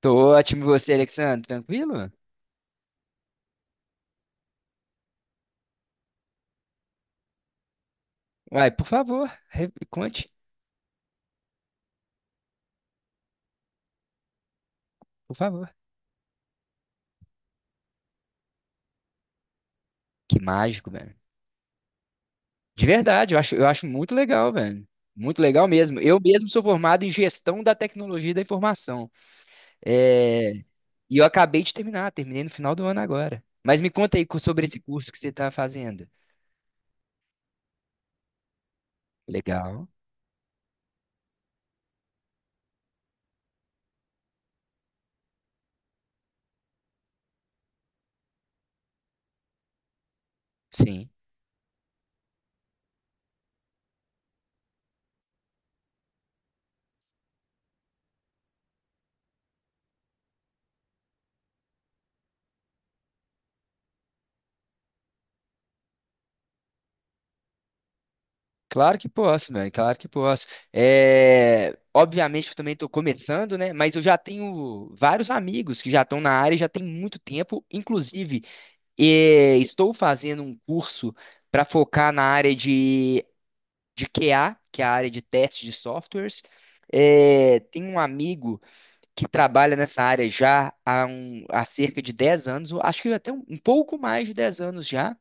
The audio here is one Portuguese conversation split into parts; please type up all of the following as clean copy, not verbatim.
Tô ótimo, e você, Alexandre? Tranquilo? Uai, por favor, conte, por favor. Que mágico, velho. De verdade, eu acho muito legal, velho. Muito legal mesmo. Eu mesmo sou formado em gestão da tecnologia da informação. É, E eu acabei de terminar, terminei no final do ano agora. Mas me conta aí sobre esse curso que você está fazendo. Legal. Sim. Claro que posso, velho. Claro que posso. É, obviamente eu também estou começando, né? Mas eu já tenho vários amigos que já estão na área e já tem muito tempo. Inclusive, estou fazendo um curso para focar na área de QA, que é a área de teste de softwares. É, tem um amigo que trabalha nessa área já há cerca de 10 anos, eu acho que até um pouco mais de 10 anos já.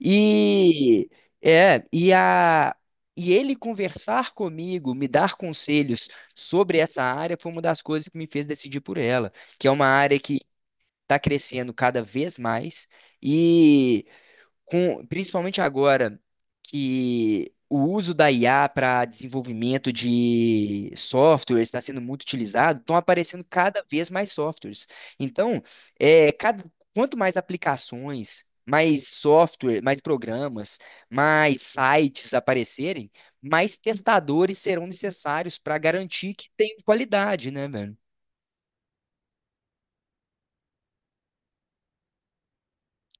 E é, e a e ele conversar comigo, me dar conselhos sobre essa área foi uma das coisas que me fez decidir por ela, que é uma área que está crescendo cada vez mais e principalmente agora que o uso da IA para desenvolvimento de softwares está sendo muito utilizado, estão aparecendo cada vez mais softwares. Então, é, cada- quanto mais aplicações, mais software, mais programas, mais sites aparecerem, mais testadores serão necessários para garantir que tem qualidade, né, velho?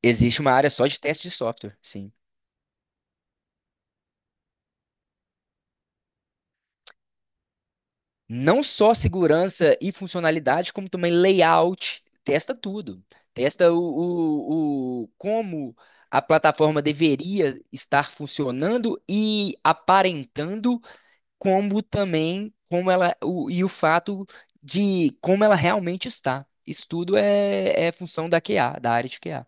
Existe uma área só de teste de software, sim. Não só segurança e funcionalidade, como também layout. Testa tudo. Testa como a plataforma deveria estar funcionando e aparentando, como também como ela o, e o fato de como ela realmente está. Isso tudo é função da QA, da área de QA.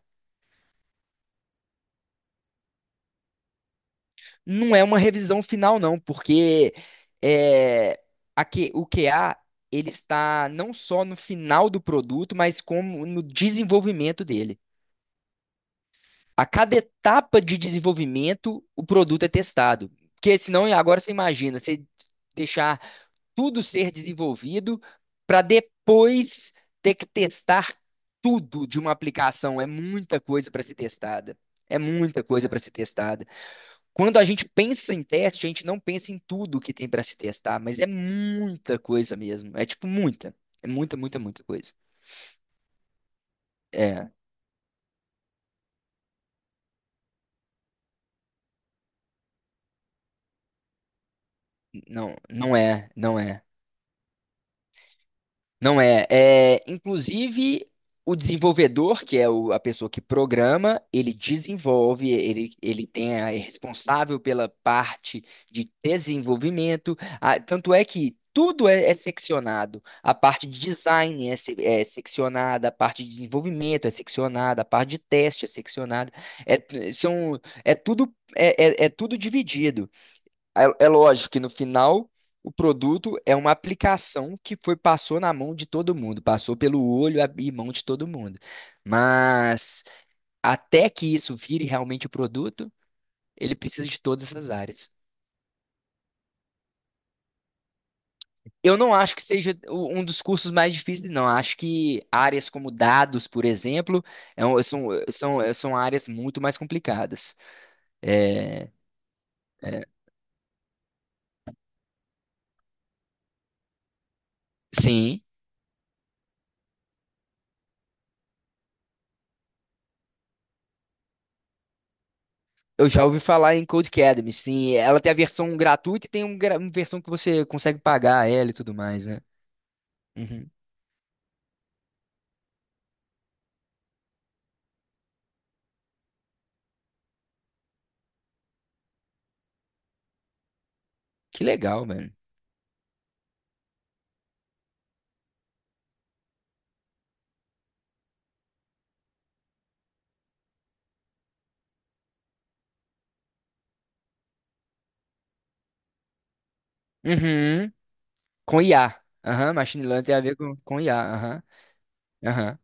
Não é uma revisão final, não, porque é, o QA ele está não só no final do produto, mas como no desenvolvimento dele. A cada etapa de desenvolvimento, o produto é testado. Porque senão, agora você imagina, você deixar tudo ser desenvolvido para depois ter que testar tudo de uma aplicação. É muita coisa para ser testada. É muita coisa para ser testada. Quando a gente pensa em teste, a gente não pensa em tudo que tem para se testar, mas é muita coisa mesmo. É muita, muita, muita coisa. É, não, não é, não é. Não é. É, inclusive, o desenvolvedor, que a pessoa que programa, ele desenvolve, ele tem é responsável pela parte de desenvolvimento. Ah, tanto é que tudo é seccionado. A parte de design é seccionada, a parte de desenvolvimento é seccionada, a parte de teste é seccionada. É, são, é tudo, é, é é tudo dividido. É, é lógico que no final o produto é uma aplicação que foi passou na mão de todo mundo, passou pelo olho e mão de todo mundo. Mas até que isso vire realmente o produto, ele precisa de todas essas áreas. Eu não acho que seja um dos cursos mais difíceis, não. Acho que áreas como dados, por exemplo, são áreas muito mais complicadas. É, é, sim. Eu já ouvi falar em Code Academy, sim. Ela tem a versão gratuita e tem uma versão que você consegue pagar ela e tudo mais, né? Uhum. Que legal, mano. Uhum. Com IA. Aham, Machine Learning tem a ver com IA. Aham, aham,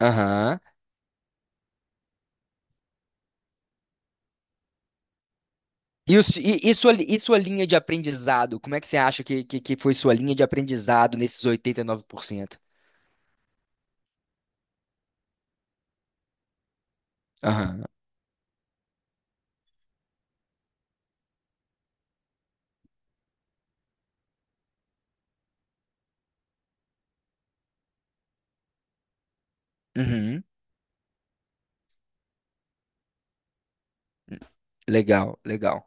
aham. E, o su- e sua, li- e sua linha de aprendizado? Como é que você acha que foi sua linha de aprendizado nesses 89%? Aham, uhum. Legal, legal.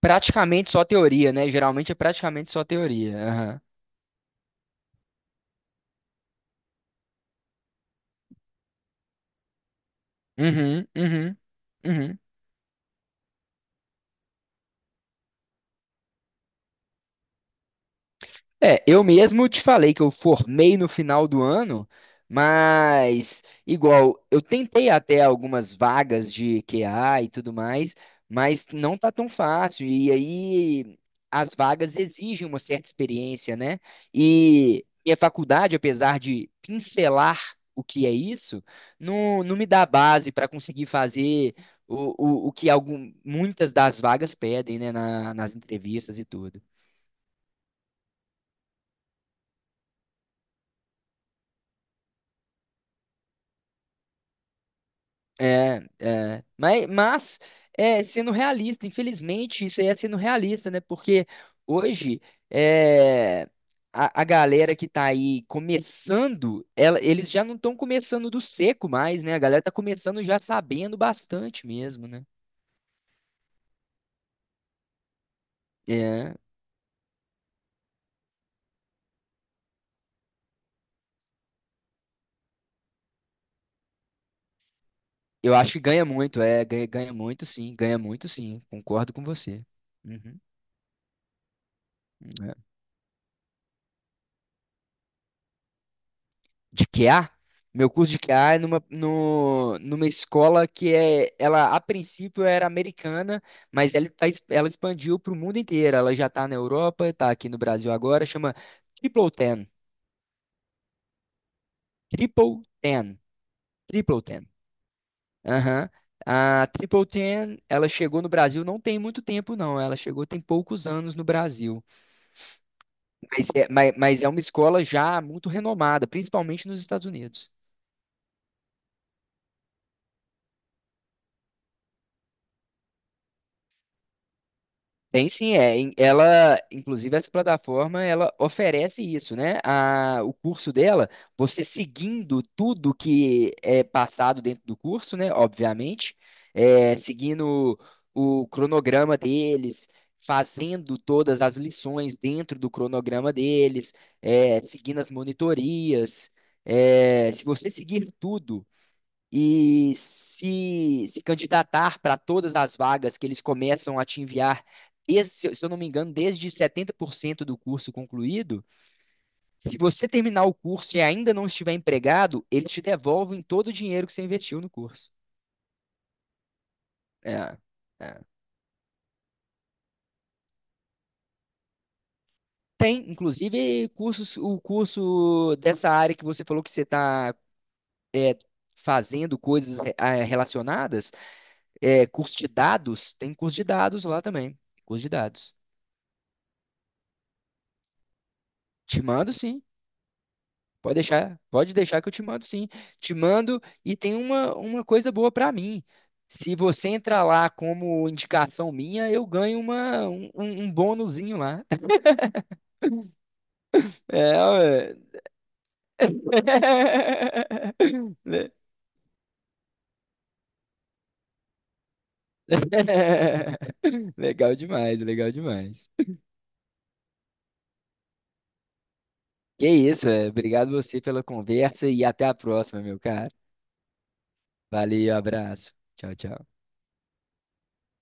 Praticamente só teoria, né? Geralmente é praticamente só teoria. Aham. Uhum, uhum, uhum. É, eu mesmo te falei que eu formei no final do ano, mas igual, eu tentei até algumas vagas de QA e tudo mais, mas não tá tão fácil. E aí as vagas exigem uma certa experiência, né? E minha faculdade, apesar de pincelar o que é isso, não me dá base para conseguir fazer o, o que algum, muitas das vagas pedem, né, nas entrevistas e tudo. É, é. Mas, sendo realista, infelizmente, isso aí é sendo realista, né? Porque hoje é, a galera que tá aí começando, eles já não estão começando do seco mais, né? A galera tá começando já sabendo bastante mesmo, né? É, eu acho que ganha muito, ganha muito sim, concordo com você. Uhum. Uhum. De QA, meu curso de QA é numa, no, numa escola que ela a princípio era americana, mas ela expandiu para o mundo inteiro. Ela já está na Europa, está aqui no Brasil agora, chama Triple Ten. Triple Ten. Triple Ten. Aham. A Triple Ten, ela chegou no Brasil não tem muito tempo, não. Ela chegou tem poucos anos no Brasil. Mas é uma escola já muito renomada, principalmente nos Estados Unidos. Tem sim, é. Ela, inclusive, essa plataforma, ela oferece isso, né? O curso dela, você seguindo tudo que é passado dentro do curso, né? Obviamente, seguindo o cronograma deles, fazendo todas as lições dentro do cronograma deles, seguindo as monitorias. É, se você seguir tudo e se candidatar para todas as vagas que eles começam a te enviar, se eu não me engano, desde 70% do curso concluído, se você terminar o curso e ainda não estiver empregado, eles te devolvem todo o dinheiro que você investiu no curso. É, é. Tem, inclusive, cursos, o curso dessa área que você falou que você está fazendo coisas relacionadas, curso de dados, tem curso de dados lá também, curso de dados. Te mando, sim. Pode deixar que eu te mando sim. Te mando e tem uma coisa boa para mim. Se você entrar lá como indicação minha, eu ganho uma, um, um um bônusinho lá. É, ué. Le- Legal demais, legal demais. Que isso, é. Obrigado você pela conversa e até a próxima, meu cara. Valeu, abraço. Tchau, tchau.